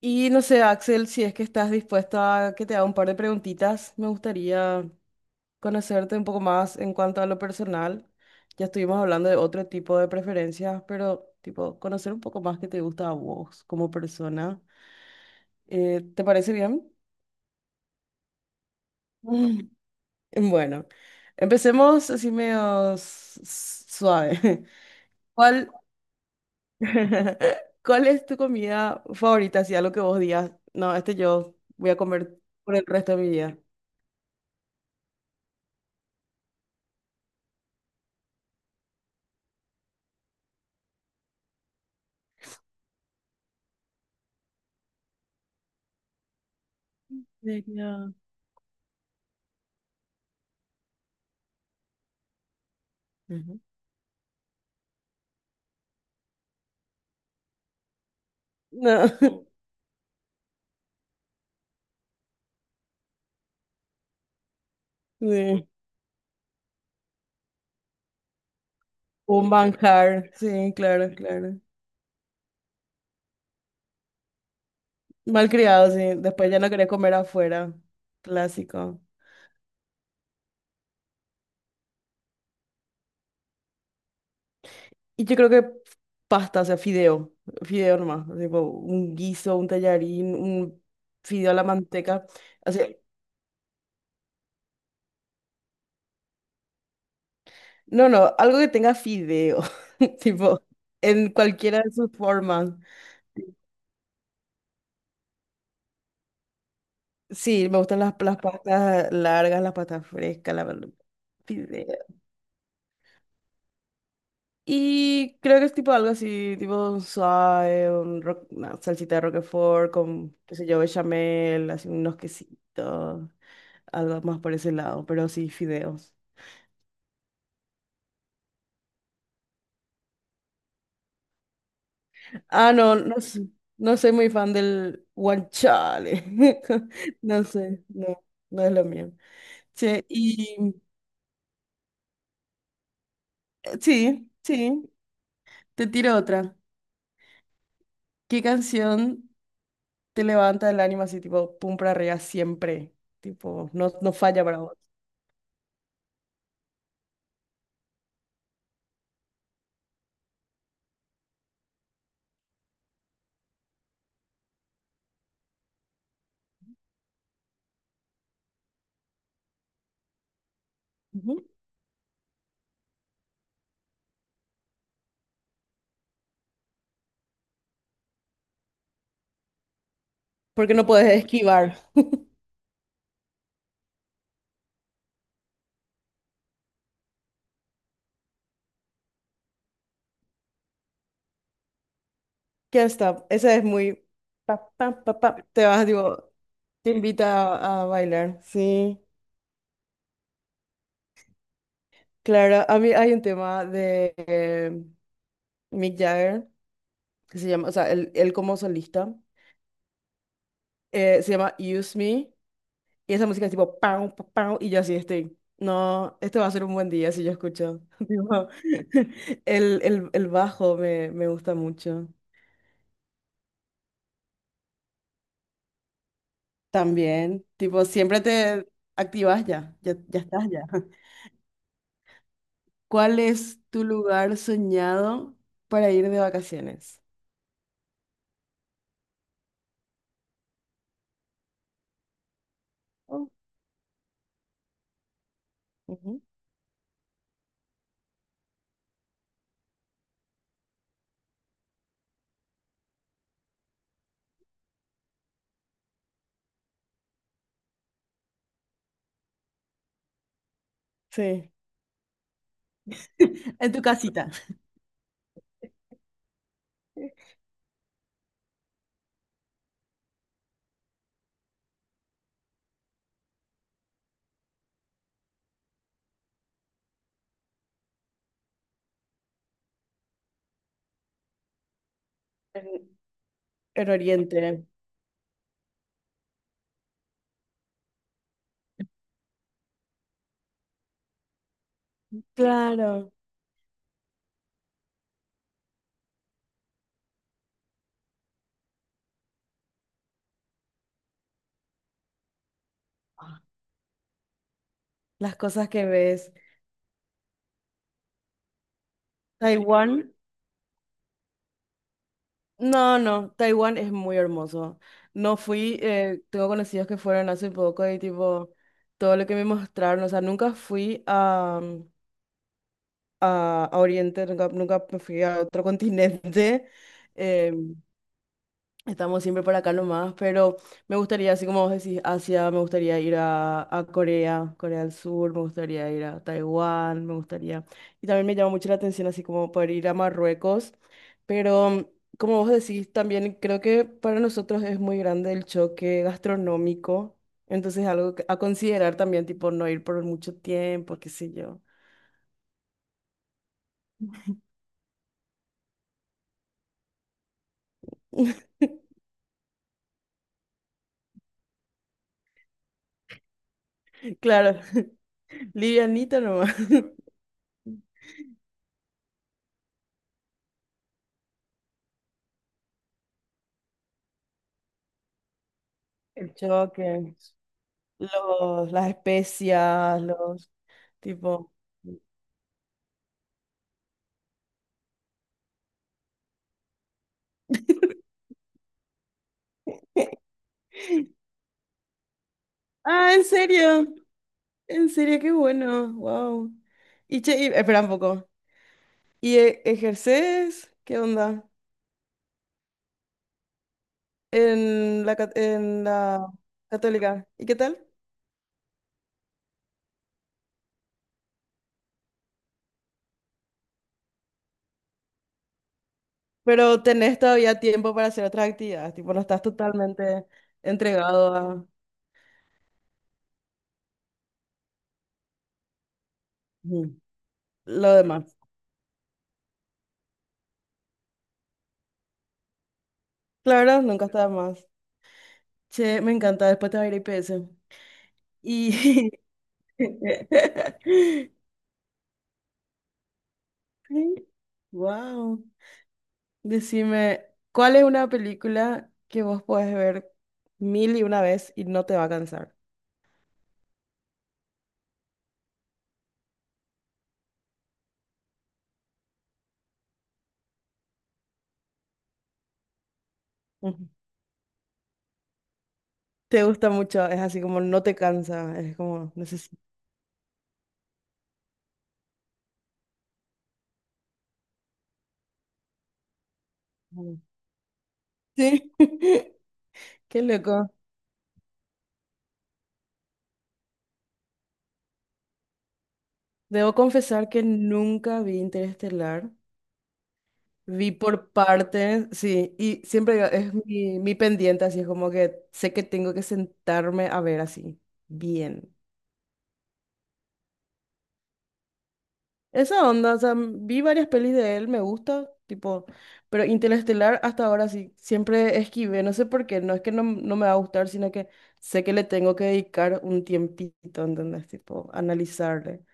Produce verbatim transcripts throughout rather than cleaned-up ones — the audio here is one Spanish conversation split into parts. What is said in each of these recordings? Y no sé, Axel, si es que estás dispuesto a que te haga un par de preguntitas, me gustaría conocerte un poco más en cuanto a lo personal. Ya estuvimos hablando de otro tipo de preferencias, pero tipo, conocer un poco más qué te gusta a vos como persona. Eh, ¿te parece bien? Mm. Bueno, empecemos así medio s- s- suave. ¿Cuál, ¿Cuál es tu comida favorita? Si algo que vos digas, no, este yo voy a comer por el resto de mi vida. ¿Serio? Ujú. No, sí. Un bancar, sí, claro, claro. Malcriado, sí. Después ya no quería comer afuera. Clásico. Y yo creo que pasta, o sea, fideo. Fideo nomás. Tipo, un guiso, un tallarín, un fideo a la manteca. O sea, no, no, algo que tenga fideo. Tipo, en cualquiera de sus formas. Sí, me gustan las, las pastas largas, las pastas frescas, la, fideo. Y creo que es tipo algo así, tipo un suave, un ro- una salsita de Roquefort con, qué sé yo, bechamel, así unos quesitos, algo más por ese lado, pero sí, fideos. Ah, no, no, s- no soy muy fan del guanciale. No sé, no, no es lo mío. Che, y eh, sí, sí, te tiro otra. ¿Qué canción te levanta el ánimo así, tipo, pum para arriba siempre? Tipo, no, no falla para vos. Porque no puedes esquivar. Ya está, esa es muy... Pa, pa, pa, pa, te vas, digo, te invita a, a bailar. Sí, claro, a mí hay un tema de eh, Mick Jagger, que se llama, o sea, él, él como solista, eh, se llama Use Me, y esa música es tipo, pam, pam, pam, y yo así estoy. No, este va a ser un buen día si yo escucho. Tipo, el, el, el bajo me, me gusta mucho. También, tipo, siempre te activas ya, ya, ya estás ya. ¿Cuál es tu lugar soñado para ir de vacaciones? Oh, ujú. Sí. En tu casita. En, en Oriente. Claro. Las cosas que ves. Taiwán. No, no. Taiwán es muy hermoso. No fui. Eh, tengo conocidos que fueron hace poco y tipo todo lo que me mostraron. O sea, nunca fui a, a, a Oriente. Nunca, nunca me fui a otro continente. Em, Estamos siempre por acá nomás, pero me gustaría, así como vos decís, Asia, me gustaría ir a, a Corea, Corea del Sur, me gustaría ir a Taiwán, me gustaría. Y también me llama mucho la atención, así como poder ir a Marruecos, pero como vos decís, también creo que para nosotros es muy grande el choque gastronómico, entonces algo que- a considerar también, tipo no ir por mucho tiempo, qué sé yo. Claro, livianito nomás. El choque. Los, las especias, los tipo. Ah, ¿en serio? ¿En serio? Qué bueno, wow. Y che, y- espera un poco. ¿Y e- ejerces? ¿Qué onda? En la, ca- en la católica. ¿Y qué tal? Pero tenés todavía tiempo para hacer otras actividades, tipo, no estás totalmente entregado a... Ujú. Lo demás. Claro, nunca está de más. Che, me encanta, después te va a ir a I P S. Y wow. Decime, ¿cuál es una película que vos podés ver mil y una vez y no te va a cansar? Ujú. Te gusta mucho, es así como no te cansa, es como necesito. Sí. Qué loco. Debo confesar que nunca vi Interestelar. Vi por partes, sí, y siempre digo, es mi, mi pendiente, así es como que sé que tengo que sentarme a ver así, bien. Esa onda, o sea, vi varias pelis de él, me gusta, tipo, pero Interestelar hasta ahora sí, siempre esquivé, no sé por qué, no es que no, no me va a gustar, sino que sé que le tengo que dedicar un tiempito, ¿entendés? Tipo, analizarle.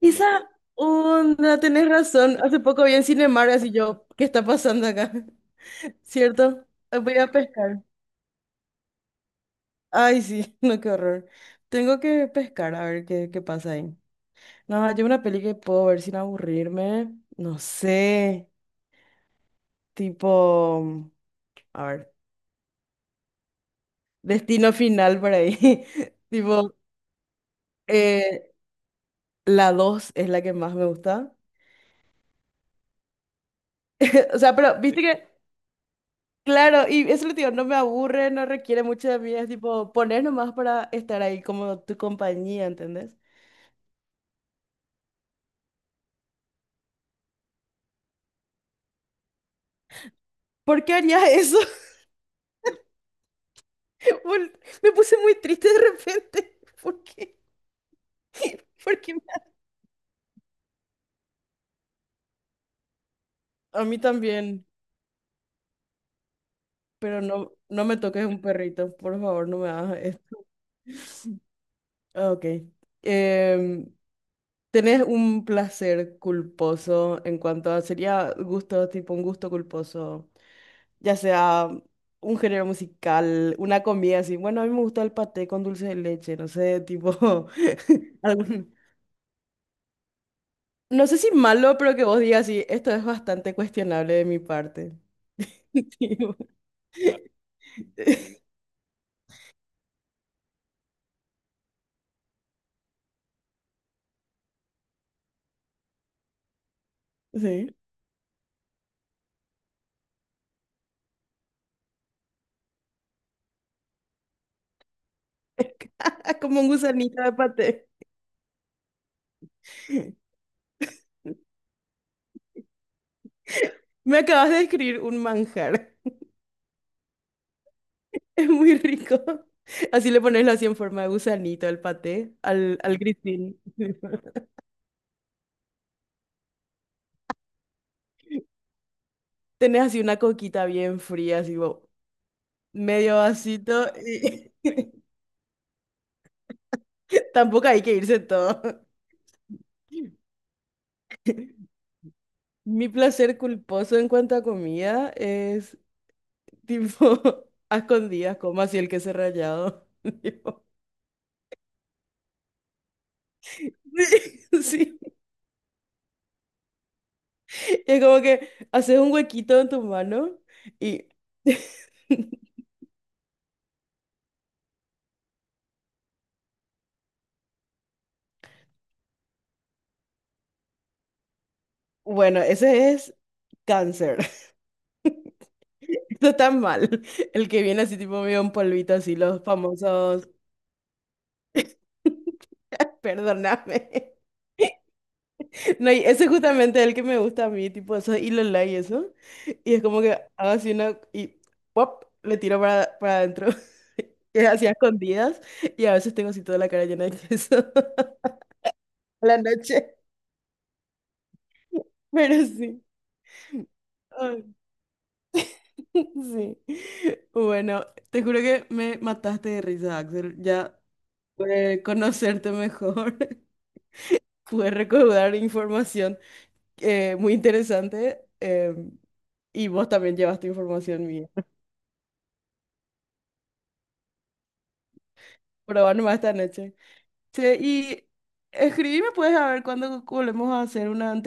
Esa onda, tenés razón, hace poco vi en Cinemark, así yo, ¿qué está pasando acá? ¿Cierto? Eh, Voy a pescar. Ay, sí, no, qué horror. Tengo que pescar a ver qué, qué pasa ahí. No, yo una peli que puedo ver sin aburrirme, no sé. Tipo, a ver, Destino Final por ahí. Tipo, eh, la dos es la que más me gusta. O sea, pero viste sí. Que, claro, y eso lo digo, no me aburre, no requiere mucho de mí, es tipo poner nomás para estar ahí como tu compañía, ¿entendés? ¿Por qué harías eso? Bol- me puse muy triste de repente. ¿Por qué? ¿Por qué me ha- A mí también, pero no, no me toques un perrito, por favor, no me hagas esto. Ah, ok. Em, ¿Tenés un placer culposo en cuanto a, sería gusto, tipo un gusto culposo, ya sea un género musical, una comida así? Bueno, a mí me gusta el paté con dulce de leche, no sé, tipo algún... No sé si malo, pero que vos digas, sí, esto es bastante cuestionable de mi parte. Tipo, sí. Como un gusanito de paté. Me acabas de describir un manjar. Es muy rico. Así le pones así en forma de gusanito al paté, al, al grisín. Tenés así una coquita bien fría, así bo- medio vasito y tampoco hay que irse todo. Mi placer culposo en cuanto a comida es tipo a escondidas, como así el queso rallado. Tipo, sí, sí. Es como que haces un huequito en tu mano y bueno, ese es cáncer. Está tan mal. El que viene así tipo medio un polvito, así los famosos. Perdóname. No, y ese es justamente el que me gusta a mí, tipo eso, y lo y eso. Y es como que hago así una y pop, le tiro para, para adentro. Y es así a escondidas. Y a veces tengo así toda la cara llena de queso a la noche. Pero sí. Ay, sí. Bueno, te juro que me mataste de risa, Axel. Ya pude conocerte mejor. Pude recaudar información. Eh, muy interesante. Em, y vos también llevaste información mía. Pero bueno, más esta noche. Che, y escribime, puedes a ver cuándo volvemos a hacer una